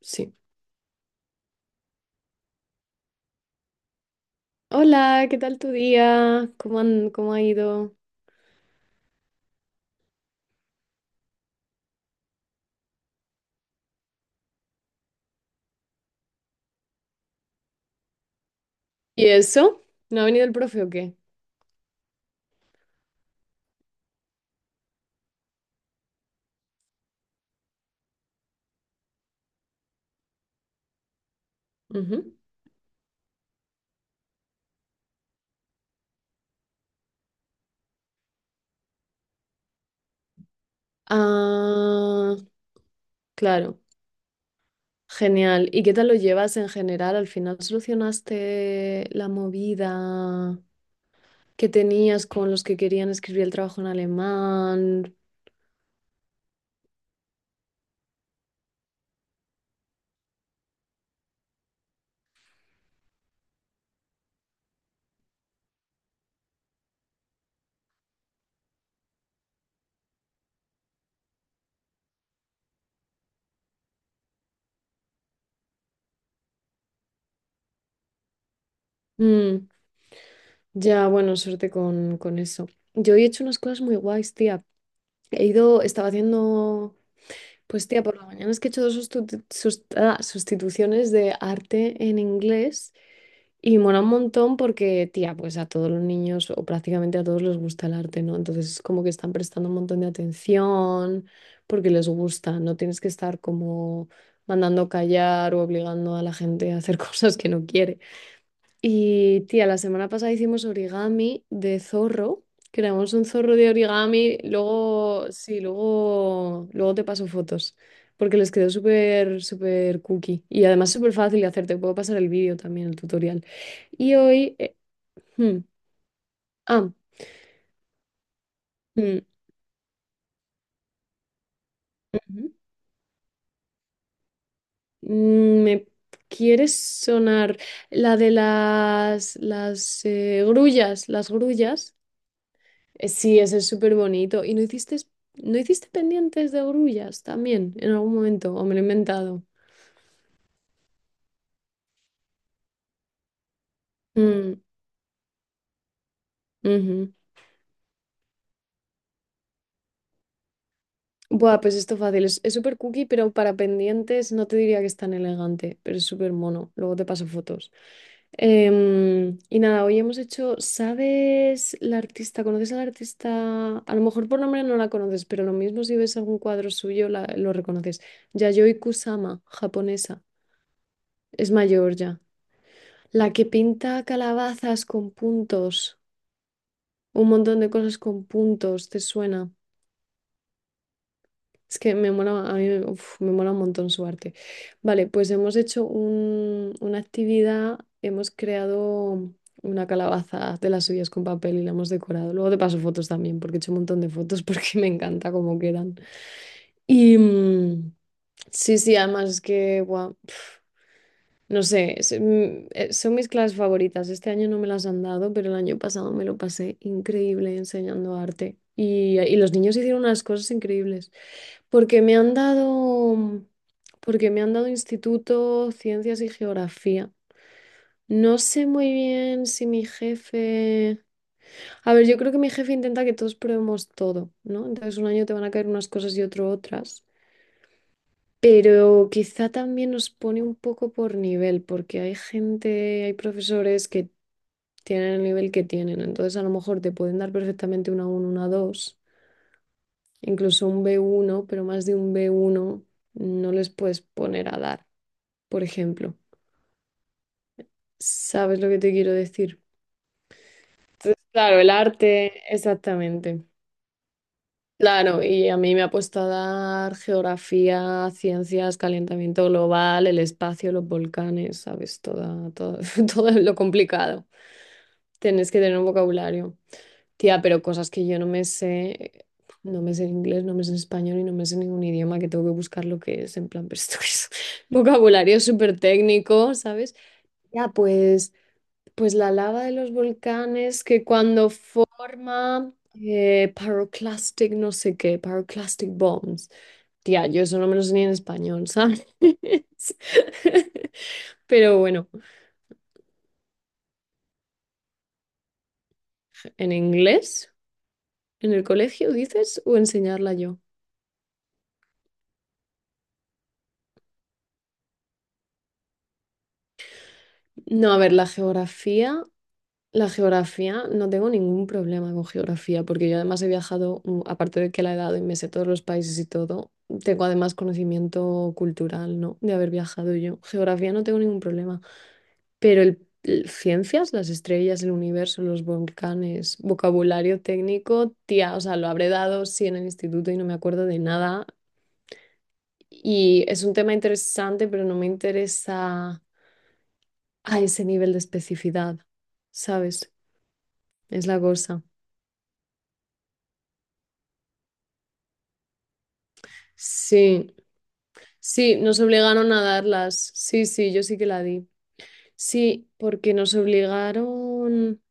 Sí. Hola, ¿qué tal tu día? ¿Cómo ha ido? ¿Y eso? ¿No ha venido el profe o qué? Ujú. Ah, claro. Genial. ¿Y qué tal lo llevas en general? ¿Al final solucionaste la movida que tenías con los que querían escribir el trabajo en alemán? Mm, ya, bueno, suerte con eso. Yo he hecho unas cosas muy guays, tía. He ido, estaba haciendo. Pues tía, por la mañana es que he hecho dos sustituciones de arte en inglés, y mola un montón porque, tía, pues a todos los niños o prácticamente a todos les gusta el arte, ¿no? Entonces es como que están prestando un montón de atención porque les gusta, no tienes que estar como mandando callar o obligando a la gente a hacer cosas que no quiere. Y tía, la semana pasada hicimos origami de zorro. Creamos un zorro de origami. Luego, sí, luego, luego te paso fotos. Porque les quedó súper, súper cookie. Y además súper fácil de hacer. Te puedo pasar el vídeo también, el tutorial. Y hoy. Hmm, ah, hmm, Ujú. ¿Me quieres sonar la de las grullas? Las grullas. Sí, ese es súper bonito. ¿Y no hiciste, no hiciste pendientes de grullas también en algún momento? ¿O me lo he inventado? Mm, ujú. Buah, pues esto fácil. Es súper cookie, pero para pendientes no te diría que es tan elegante, pero es súper mono. Luego te paso fotos. Y nada, hoy hemos hecho, ¿sabes la artista? ¿Conoces a la artista? A lo mejor por nombre no la conoces, pero lo mismo si ves algún cuadro suyo lo reconoces. Yayoi Kusama, japonesa. Es mayor ya. La que pinta calabazas con puntos, un montón de cosas con puntos, ¿te suena? Es que me mola, a mí me mola un montón su arte. Vale, pues hemos hecho una actividad, hemos creado una calabaza de las suyas con papel y la hemos decorado. Luego te paso fotos también, porque he hecho un montón de fotos porque me encanta cómo quedan. Y sí, sí, además es que, guau, no sé, es, son mis clases favoritas. Este año no me las han dado, pero el año pasado me lo pasé increíble enseñando arte. Y los niños hicieron unas cosas increíbles. Porque me han dado, porque me han dado instituto, ciencias y geografía. No sé muy bien si mi jefe... A ver, yo creo que mi jefe intenta que todos probemos todo, ¿no? Entonces un año te van a caer unas cosas y otro otras. Pero quizá también nos pone un poco por nivel, porque hay gente, hay profesores que tienen el nivel que tienen, entonces a lo mejor te pueden dar perfectamente una uno una dos, incluso un b uno, pero más de un b uno no les puedes poner a dar, por ejemplo. ¿Sabes lo que te quiero decir? Claro, el arte, exactamente. Claro, y a mí me ha puesto a dar geografía, ciencias, calentamiento global, el espacio, los volcanes, ¿sabes? Toda, todo, todo lo complicado. Tienes que tener un vocabulario. Tía, pero cosas que yo no me sé, no me sé en inglés, no me sé en español y no me sé ningún idioma, que tengo que buscar lo que es, en plan, pero esto es vocabulario súper técnico, ¿sabes? Ya, pues... Pues la lava de los volcanes que cuando forma pyroclastic no sé qué, pyroclastic bombs. Tía, yo eso no me lo sé ni en español, ¿sabes? Pero bueno, ¿en inglés? ¿En el colegio dices? ¿O enseñarla yo? No, a ver, la geografía. La geografía, no tengo ningún problema con geografía, porque yo además he viajado, aparte de que la he dado y me sé todos los países y todo, tengo además conocimiento cultural, ¿no? De haber viajado yo. Geografía no tengo ningún problema, pero ciencias, las estrellas, el universo, los volcanes, vocabulario técnico, tía, o sea, lo habré dado sí en el instituto y no me acuerdo de nada. Y es un tema interesante, pero no me interesa a ese nivel de especificidad, ¿sabes? Es la cosa. Sí, sí, nos obligaron a darlas. Sí, sí, yo sí que la di. Sí, porque nos obligaron.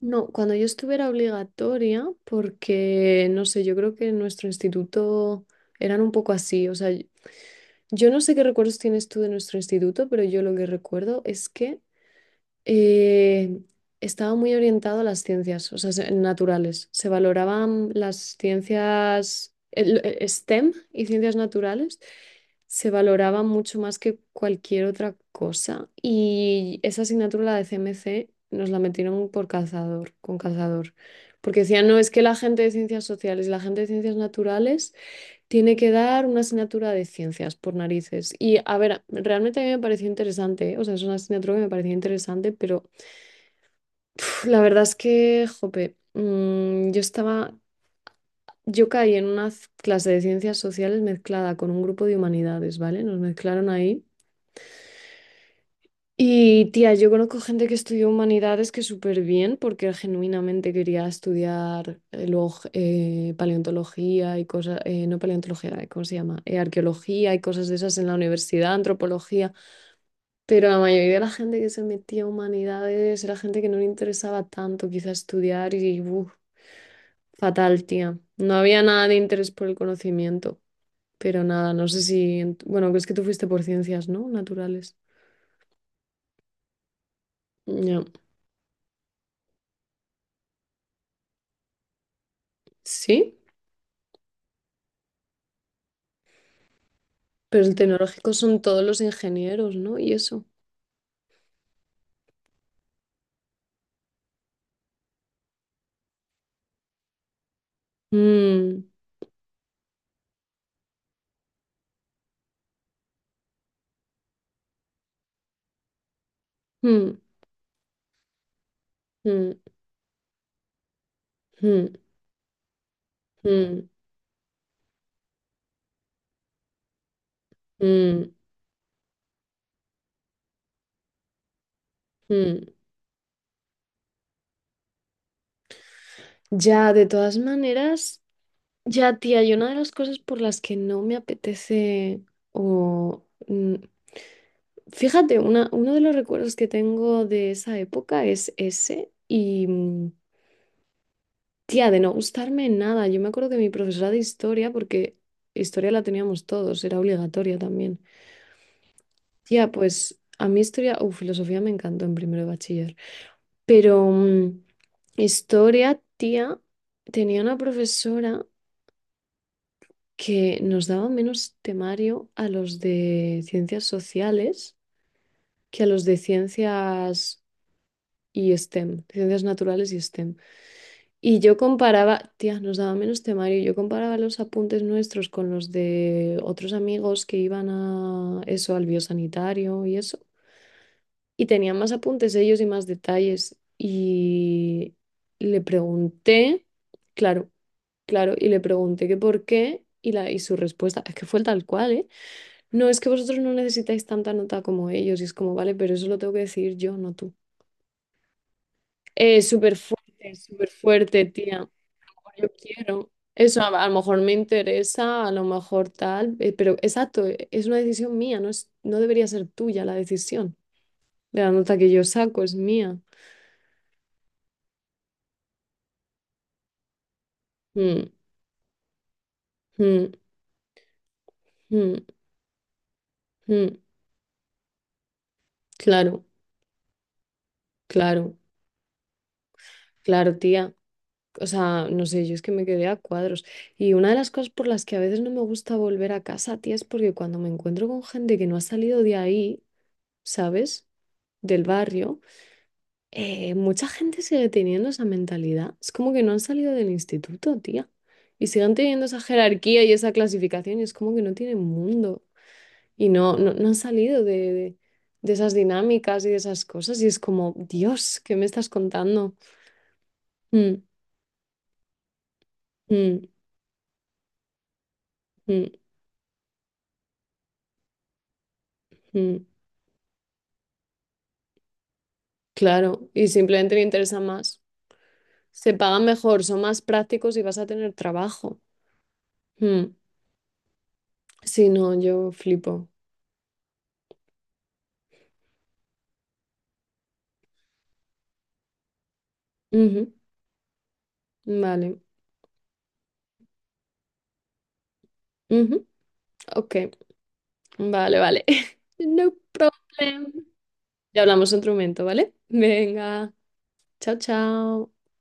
No, cuando yo estuve era obligatoria, porque no sé, yo creo que en nuestro instituto eran un poco así. O sea, yo no sé qué recuerdos tienes tú de nuestro instituto, pero yo lo que recuerdo es que eh, estaba muy orientado a las ciencias, o sea, naturales. Se valoraban las ciencias, el STEM y ciencias naturales, se valoraban mucho más que cualquier otra cosa. Y esa asignatura, la de CMC, nos la metieron por cazador, con cazador. Porque decían, no, es que la gente de ciencias sociales y la gente de ciencias naturales tiene que dar una asignatura de ciencias por narices. Y a ver, realmente a mí me pareció interesante, ¿eh? O sea, es una asignatura que me pareció interesante, pero la verdad es que, jope, yo estaba, yo caí en una clase de ciencias sociales mezclada con un grupo de humanidades, ¿vale? Nos mezclaron ahí. Y tía, yo conozco gente que estudió humanidades que súper bien porque genuinamente quería estudiar luego paleontología y cosas, no paleontología, ¿cómo se llama? Arqueología y cosas de esas en la universidad, antropología, pero la mayoría de la gente que se metía a humanidades era gente que no le interesaba tanto quizá estudiar y uf, fatal, tía. No había nada de interés por el conocimiento, pero nada, no sé si, bueno, es que tú fuiste por ciencias, ¿no? Naturales. Ya. ¿Sí? Pero el tecnológico son todos los ingenieros, ¿no? Y eso. Mm, mm, mm, mm, mm, mm, mm. Ya, de todas maneras, ya, tía, y una de las cosas por las que no me apetece o... mm, fíjate, uno de los recuerdos que tengo de esa época es ese y, tía, de no gustarme nada. Yo me acuerdo que mi profesora de historia, porque historia la teníamos todos, era obligatoria también. Tía, pues a mí historia o filosofía me encantó en primero de bachiller, pero historia, tía, tenía una profesora que nos daba menos temario a los de ciencias sociales que a los de ciencias y STEM, ciencias naturales y STEM. Y yo comparaba, tía, nos daba menos temario, yo comparaba los apuntes nuestros con los de otros amigos que iban a eso, al biosanitario y eso, y tenía más apuntes ellos y más detalles. Y le pregunté, claro, claro, y le pregunté que por qué, y su respuesta es que fue tal cual, ¿eh? No, es que vosotros no necesitáis tanta nota como ellos, y es como, vale, pero eso lo tengo que decir yo, no tú. Súper fuerte, súper fuerte, tía, yo quiero. Eso a lo mejor me interesa, a lo mejor tal, pero exacto, es una decisión mía, no debería ser tuya la decisión. De la nota que yo saco es mía. Mm. Mm, mm, mm. Claro, claro, claro, tía. O sea, no sé, yo es que me quedé a cuadros. Y una de las cosas por las que a veces no me gusta volver a casa, tía, es porque cuando me encuentro con gente que no ha salido de ahí, ¿sabes? Del barrio, mucha gente sigue teniendo esa mentalidad. Es como que no han salido del instituto, tía. Y siguen teniendo esa jerarquía y esa clasificación y es como que no tienen mundo. Y no han salido de, de esas dinámicas y de esas cosas y es como, Dios, ¿qué me estás contando? Mm, mm, mm, mm. Claro, y simplemente le interesa más. Se pagan mejor, son más prácticos y vas a tener trabajo. Mm. Sí, no, yo flipo. Ujú, vale. Ujú, ok, vale, vale. No problem. Ya hablamos otro momento, ¿vale? Venga, chao, chao.